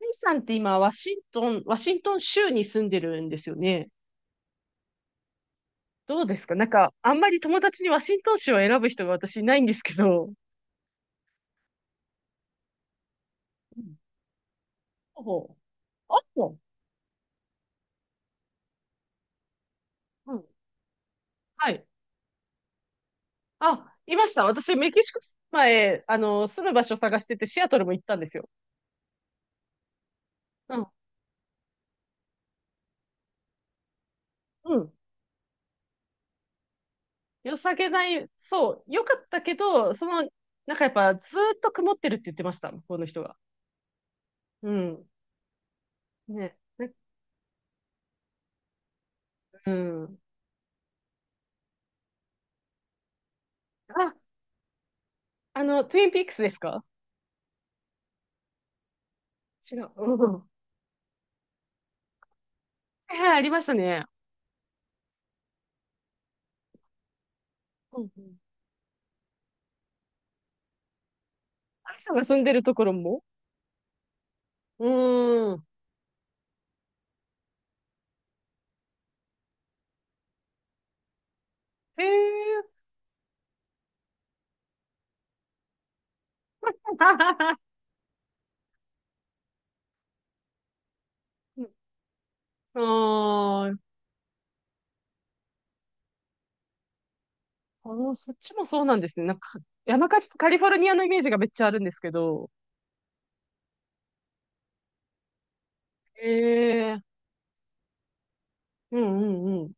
イさんって今、ワシントン州に住んでるんですよね。どうですか？なんか、あんまり友達にワシントン州を選ぶ人が私いないんですけど。うん。ほう。あ、そう。うん。はい。あ、いました。私、メキシコ前、住む場所探してて、シアトルも行ったんですよ。うん。うん。良さげない、そう、良かったけど、なんかやっぱ、ずーっと曇ってるって言ってました、向こうの人が。うん。ね。ね。うん。あ、トゥインピークスですか？違う。うん。はいはい、ありましたね。うんうん。アリさんが住んでるところも。うーん。へえ。あー、そっちもそうなんですね。なんか、山火事とカリフォルニアのイメージがめっちゃあるんですけど。へえ。うんうんうん。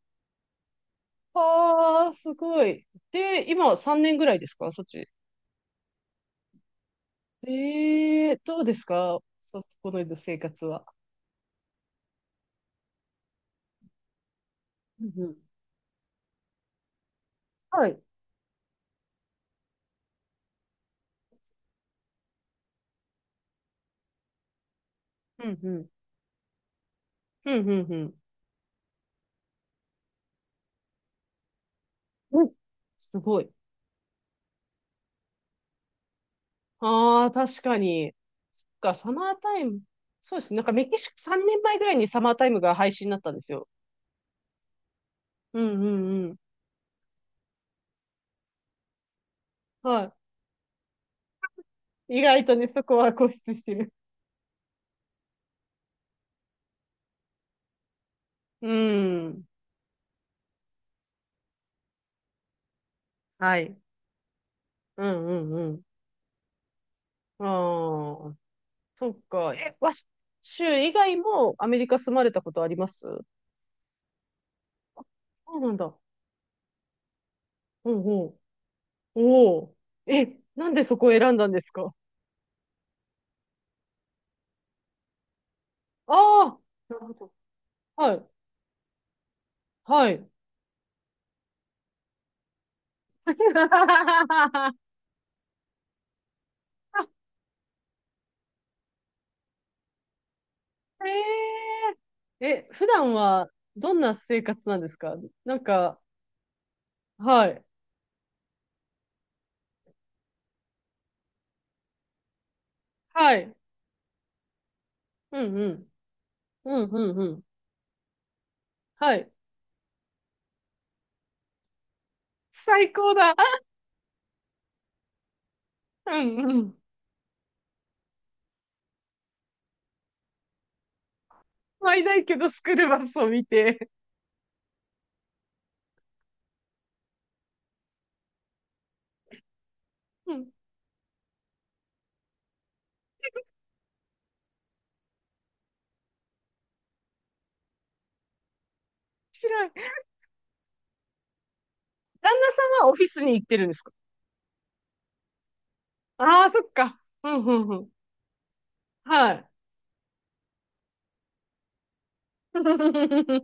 ああ、すごい。で、今3年ぐらいですか、そっち。ええ、どうですか、そこの生活は。うんうん。はい。うんうん。うんうんうん。うん。すごい。ああ、確かに。そっか、サマータイム。そうですね。なんかメキシコ3年前ぐらいにサマータイムが廃止になったんですよ。うんうんうん。はい。意外とね、そこは固執してる。うん。はい。うんうんうん。ああ、そっか。え、州以外もアメリカ住まれたことあります？そうなんだ。うんうん。おお。え、なんでそこを選んだんですか？ああー、なるほど。はい。はい。ええ、普段はどんな生活なんですか？なんか、はい。はい。うんうん。うんうんうん。はい。最高だ。うんうん。毎いけどスクールバスを見て。うん。面白い。旦那さんはオフィスに行ってるんですか？ああー、そっか。うんうんうん。はい。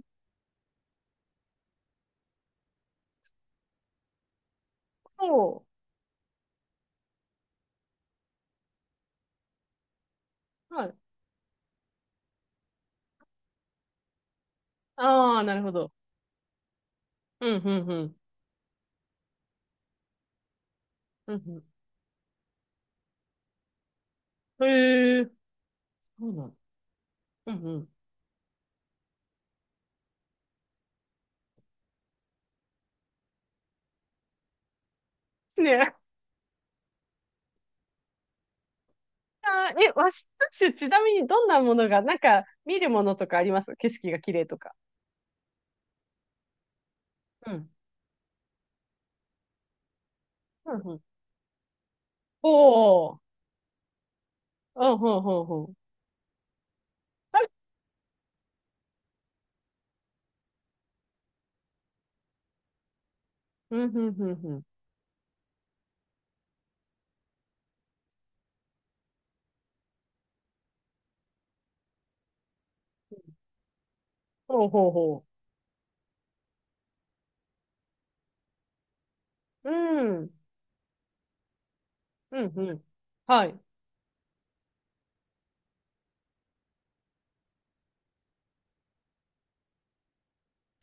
そう。はい。ああ、なるほど。うんうんうん。うんうん。へえ。そうなん。うんうん。ねえ。あー、え、ワシントン州、ちなみにどんなものが、なんか、見るものとかあります？景色が綺麗とか。うん。うんうん。おー、うん、ほうほうほう。はい。うん、うん、うん、うん。ほうほうほう。うん、うん、うん。はい。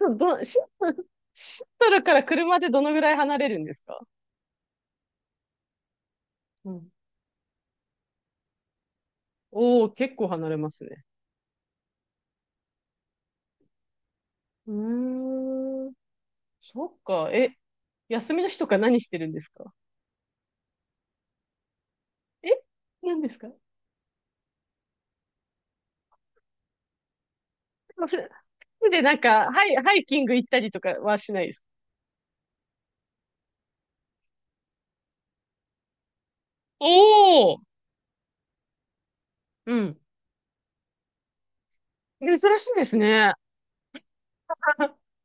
そうど、シント、シントルから車でどのぐらい離れるんですか？うん。おー、結構離れますね。うーん。そっか、え、休みの日とか何してるんですか？え、何ですか？で、なんか、ハイキング行ったりとかはしないです。おー。うん。珍しいですね。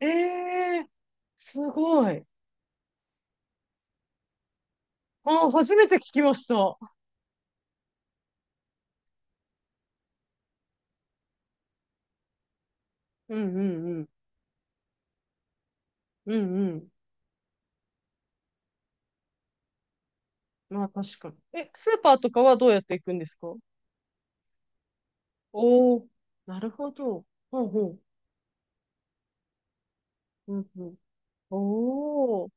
ええー、すごい。あー、初めて聞きました。うんうんうん。うんうん。まあ確かに。え、スーパーとかはどうやって行くんですか？おおー。なるほど。ほうほう。うんうん。おー、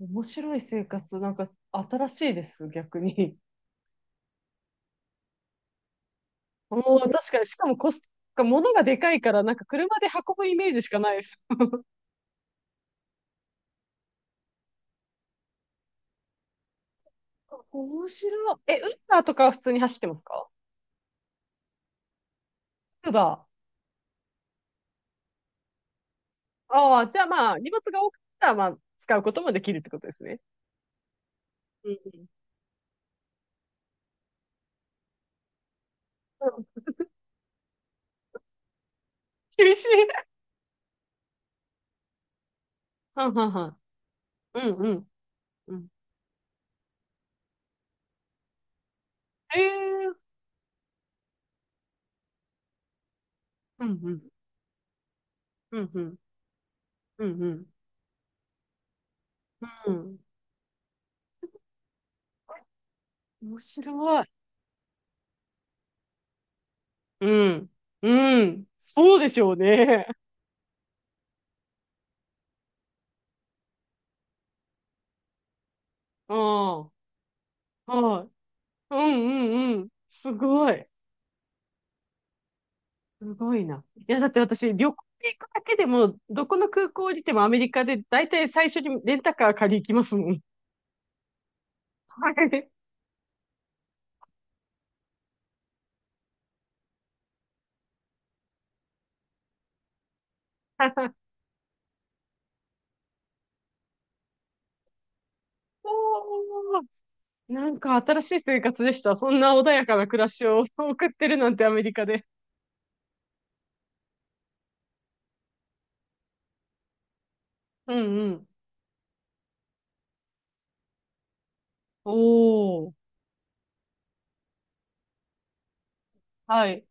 面白い生活、なんか新しいです、逆に。おお、確かに、しかもコスト、なんか物がでかいから、なんか車で運ぶイメージしかないです。面白い。え、ウーバーとかは普通に走ってますか？ウーバー。ああ、じゃあまあ、荷物が多かったら、まあ、使うこともできるってことですね。うんうんうん。厳しい。はんはんはん。うんうん。うん。ええ。うんうん。うんうん。うんうん。うん。面白い。うん。うん。そうでしょうね。うん。はい。うんうんうん。すごい。すごいな。いや、だって私、旅行に行くだけでも、どこの空港降りてもアメリカで、だいたい最初にレンタカー借り行きますもん。はい。おー。なんか新しい生活でした。そんな穏やかな暮らしを 送ってるなんてアメリカで。うんうん。おー。はい。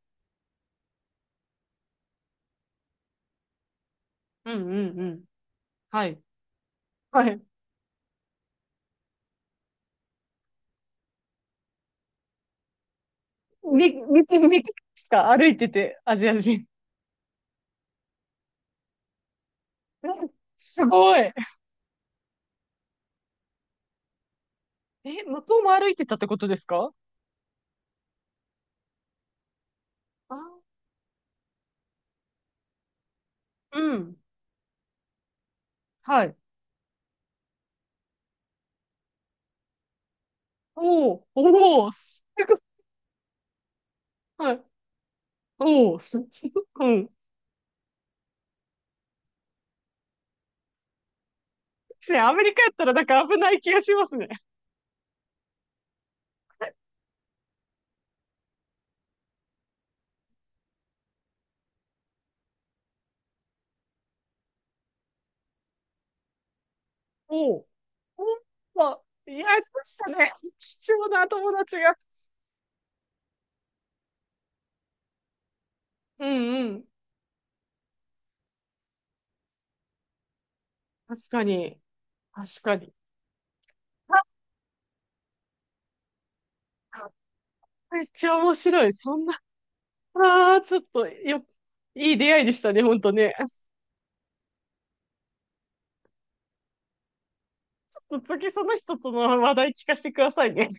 うんうんうん。はい。はい。み、み、み、ですか？歩いてて、アジア人。うん。すごい。え、向こうも歩いてたってことですか？あ、うん。はい。おお、おお、すごい。はい。おお、す。うん。ね、アメリカやったらなんか危ない気がしますね。おお、おお、いや、そうしたね。貴重な友達が。うんうん。確かに。確かに。あ、めっちゃ面白い。そんな、ああ、ちょっと、よ、いい出会いでしたね、ほんとね。ちょっと次その人との話題聞かせてくださいね。